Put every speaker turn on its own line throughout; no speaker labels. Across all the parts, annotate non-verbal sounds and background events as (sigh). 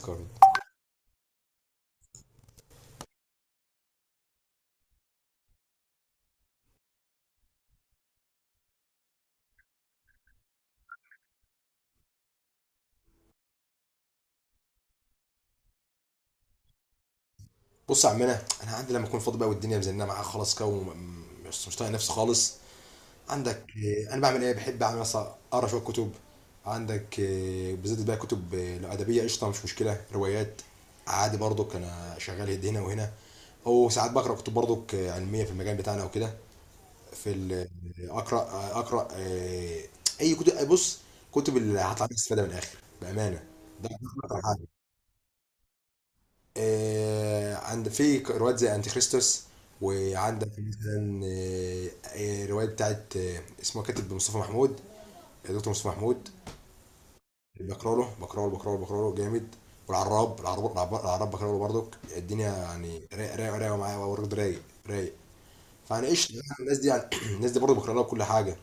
كارد. بص يا عمنا، انا عندي لما اكون فاضي بقى والدنيا مزنقه معايا خلاص كده، وم- مش مش طايق نفسي خالص. عندك؟ انا بعمل ايه، بحب اعمل مثلا اقرا شويه كتب. عندك؟ بالذات بقى كتب، لو ادبيه قشطه، مش مشكله، روايات. عادي برضك انا شغال يد هنا وهنا، او ساعات بقرا كتب برضك علميه في المجال بتاعنا وكده. في ال- آه، اقرا آه، اقرا آه، اي كتب. بص، كتب اللي هتعمل استفاده من الاخر بامانه. ده أكتر حاجة. عند في روايات زي انتي كريستوس، وعندك مثلا روايه بتاعت اسمه كاتب مصطفى محمود، دكتور مصطفى محمود. بقرا له جامد. والعراب العراب العراب العراب بقرا له برضك. الدنيا يعني رايق رايق رايق معايا، برضه رايق، رايق. فانا قشطه يعني. الناس دي يعني (clears throat) الناس دي برضه بقرا لها كل حاجه.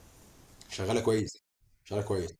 شغاله كويس. شغاله كويس.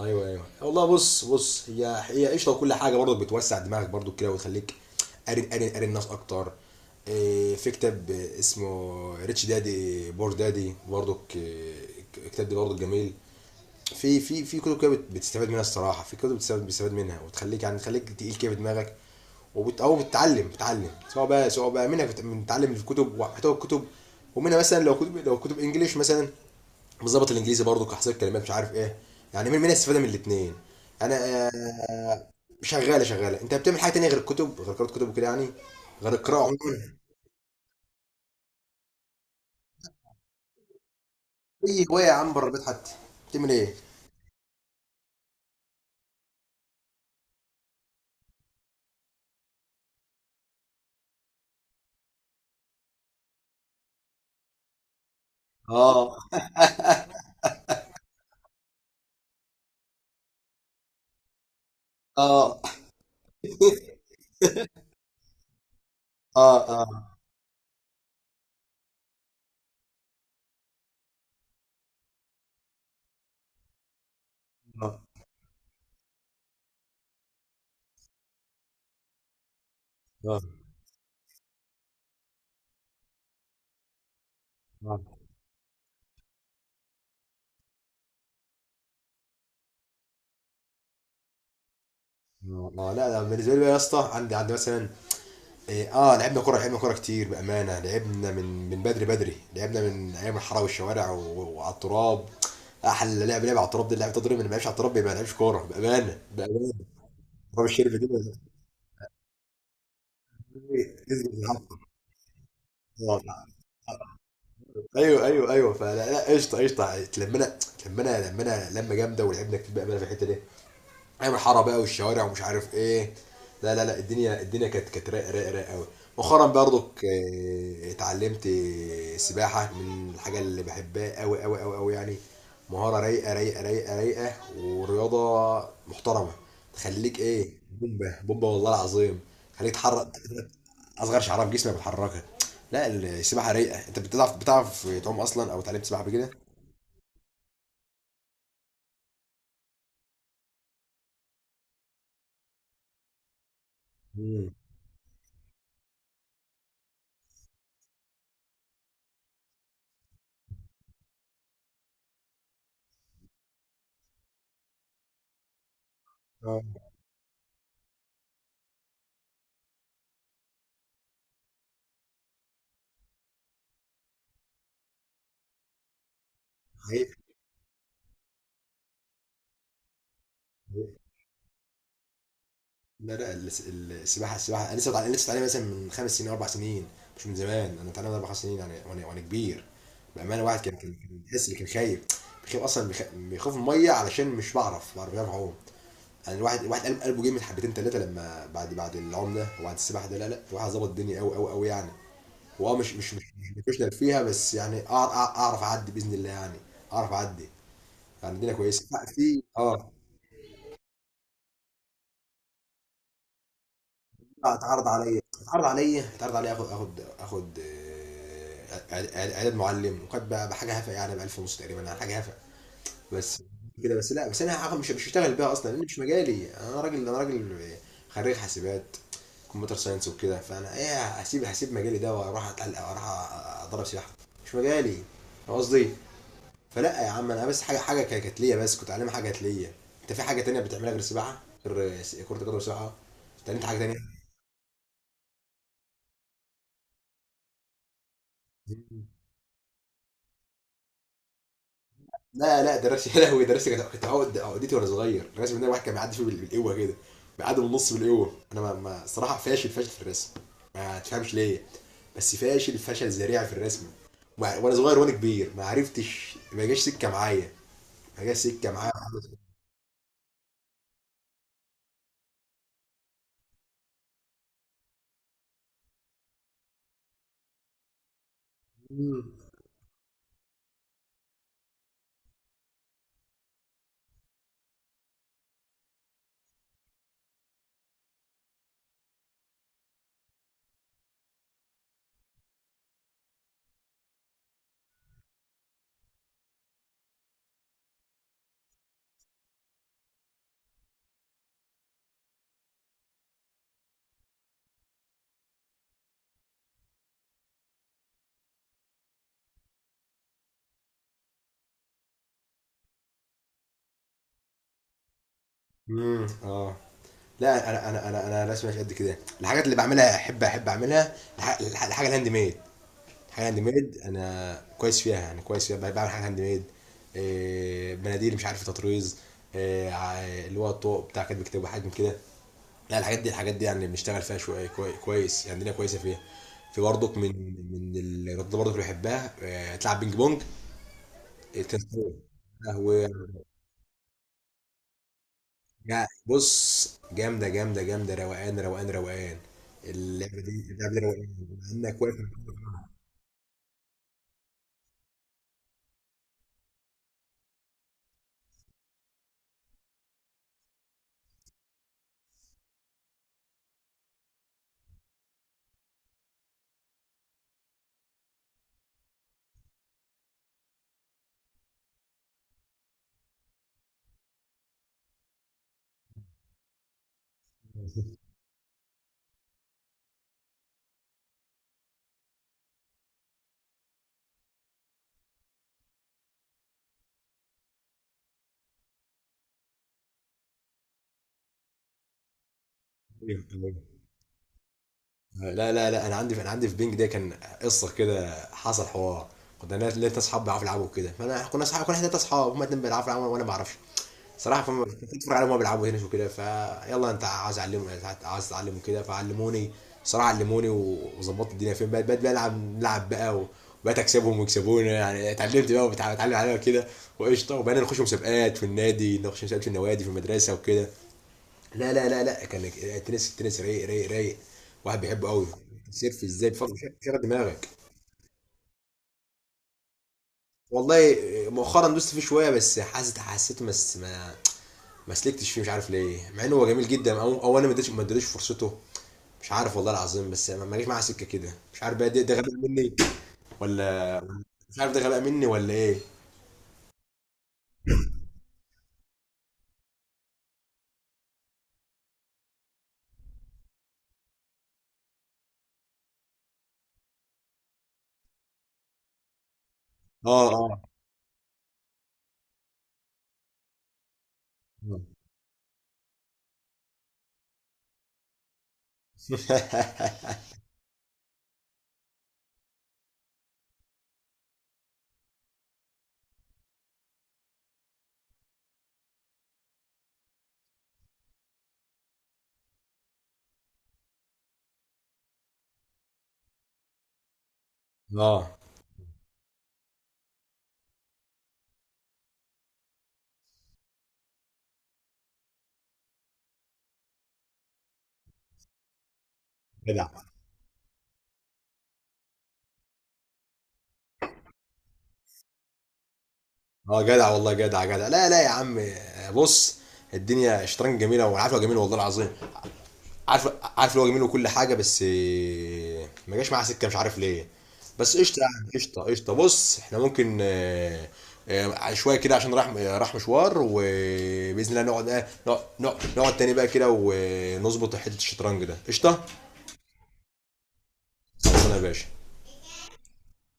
ايوه، ايوه، والله. بص بص، هي قشطه، وكل حاجه برضك بتوسع دماغك برضك كده، وتخليك قاري قاري قاري الناس اكتر. في كتاب اسمه ريتش دادي بور دادي برضك الكتاب ده برضك جميل. في كتب كده بتستفاد منها الصراحه، في كتب بتستفاد منها وتخليك يعني تخليك تقيل كده في دماغك، وبت او بتتعلم بتتعلم سواء بقى منها بتتعلم الكتب ومحتوى الكتب، ومنها مثلا لو كتب انجليش مثلا، بظبط الانجليزي برضو كحصيل كلمات مش عارف ايه. يعني منها استفاده من الاثنين. انا. آه، شغاله شغاله. انت بتعمل حاجه تانية غير الكتب، غير قراءه كتب وكده يعني؟ غير القراءه عموما؟ اي هوايه يا عم، بره البيت حتى، بتعمل ايه؟ اه، اه. (laughs) اه، اه، اه، اه. والله لا، لا، بالنسبه لي بقى يا اسطى، عندي مثلا اه، لعبنا كوره كتير بامانه، لعبنا من من بدري بدري، لعبنا من ايام الحاره والشوارع و- وعلى التراب. احلى لعب لعب على التراب، دي اللعب تضرب، اللي ما لعبش على التراب يبقى ما لعبش كوره، بامانه بامانه. تراب الشرب كده يزبط الحفر. آه. (laughs) ايوه، ايوه، ايوه. فلا، لا، قشطه قشطه، اتلمنا لمنا لمه جامده، ولعبنا كتير بامانه في الحته دي، ايام حاره بقى والشوارع ومش عارف ايه. لا، لا، لا، الدنيا كانت رايقه رايقه رايقه قوي. مؤخرا برضك اتعلمت سباحه، من الحاجه اللي بحبها قوي قوي قوي قوي يعني. مهاره رايقه رايقه رايقه رايقه ورياضه محترمه. تخليك ايه بومبه بومبه، والله العظيم. تخليك تحرك اصغر شعره في جسمك بتحركها. لا، السباحه رايقه. انت بتعرف تعوم اصلا، او اتعلمت سباحه قبل كده؟ مم. اه، حقيقي. لا، لا، السباحه انا لسه بتعلم مثلا من خمس سنين، اربع سنين. مش من زمان. انا بتعلم اربع سنين يعني، وانا كبير. بامانه، واحد كان بيحس اللي كان خايف، بيخاف اصلا، بيخاف من الميه، علشان مش بعرف اعوم. يعني الواحد قلب قلبه جامد حبتين ثلاثه، لما بعد العوم ده وبعد السباحه ده، لا، لا، الواحد ظبط الدنيا قوي قوي قوي يعني. هو مش بروفيشنال فيها، بس يعني اعرف اعدي باذن الله يعني، اعرف اعدي. يعني الدنيا كويسه. لا، في لا، اتعرض عليا اخد اعداد معلم، وكانت بقى بحاجه هفه يعني، ب 1000 ونص تقريبا، على حاجه هفه بس كده. بس لا، بس انا مش هشتغل بيها اصلا، لان مش مجالي. انا راجل، انا راجل خريج حاسبات، كمبيوتر ساينس وكده. فانا ايه، هسيب مجالي ده واروح اتعلق واروح، اضرب سياحه. مش مجالي. فاهم قصدي؟ فلا يا عم، انا بس حاجه كانت ليا، بس كنت اتعلم حاجه كانت ليا. انت في حاجه تانية بتعملها غير السباحه، غير كره القدم والسباحه؟ اتعلمت حاجه تانية؟ لا، لا، دراسة يا لهوي. دراسة كانت عقد عقدتي وانا صغير. الرسم ده واحد كان بيعدي فيه بالقوة كده، بيعدي بالنص بالقوة. انا ما صراحة فاشل فاشل في الرسم، ما تفهمش ليه، بس فاشل فشل ذريع في الرسم. وانا صغير وانا كبير، ما عرفتش، ما جاش سكة معايا، ما جاش سكة معايا. اه. لا، انا رسمي مش قد كده. الحاجات اللي بعملها احب اعملها، الحاجة الهاند ميد. حاجه هاند ميد، انا كويس فيها، يعني كويس فيها. بعمل حاجه هاند ميد. مناديل، مش عارف، تطريز. اللي هو الطوق بتاع كاتب كتاب، حاجات كده. لا، الحاجات دي يعني بنشتغل فيها شويه كويس يعني، الدنيا كويسه فيها. في برضك من الرياضات برضك اللي بحبها، تلعب بينج بونج. تنس طاولة. قهوة. لا، بص، جامدة جامدة جامدة، روقان روقان روقان. اللعبة دي، اللعبة دي روقان، انك واقف. (laughs) لا، لا، لا، انا عندي في بينج ده كان قصه كده، حصل حوار. لقيت ناس اصحاب بيعرفوا يلعبوا كده، فانا كنا اصحاب، كنا احنا تلات اصحاب، هما اتنين بيلعبوا وانا ما بعرفش صراحه. فما كنت اتفرج عليهم وهما بيلعبوا هنا وكده، فيلا، انت عايز اعلمهم، عايز تعلمهم كده، فعلموني صراحه، علموني، و- وظبطت الدنيا. فين بقيت بلعب، نلعب بقى وبقيت اكسبهم ويكسبوني يعني، اتعلمت بقى وبتعلم عليها كده، وقشطه، وبقينا نخش مسابقات في النادي، نخش مسابقات في النوادي، في المدرسه وكده. لا، لا، لا، لا، كان التنس رايق رايق رايق. واحد بيحبه قوي، سيرف ازاي، بفضل شغل دماغك. والله مؤخرا دوست فيه شويه، بس حاسس، حسيته بس ما سلكتش فيه، مش عارف ليه، مع انه هو جميل جدا، او انا ما اديتش فرصته، مش عارف والله العظيم. بس ما جاش معاها سكه كده، مش عارف بقى. ده غباء مني ولا؟ مش عارف، ده غباء مني ولا ايه؟ اه، اه. (laughs) اه، جدع، اه، جدع، والله، جدع جدع. لا، لا يا عم، بص، الدنيا شطرنج جميله، والعافيه جميله، والله العظيم. عارف عارف اللي هو جميل وكل حاجه، بس ما جاش معاه سكه، مش عارف ليه. بس قشطه يعني، قشطه قشطه. بص، احنا ممكن شويه كده عشان راح مشوار، وباذن الله نقعد نقعد تاني بقى كده ونظبط حته الشطرنج ده، قشطه. خلصنا يا باشا.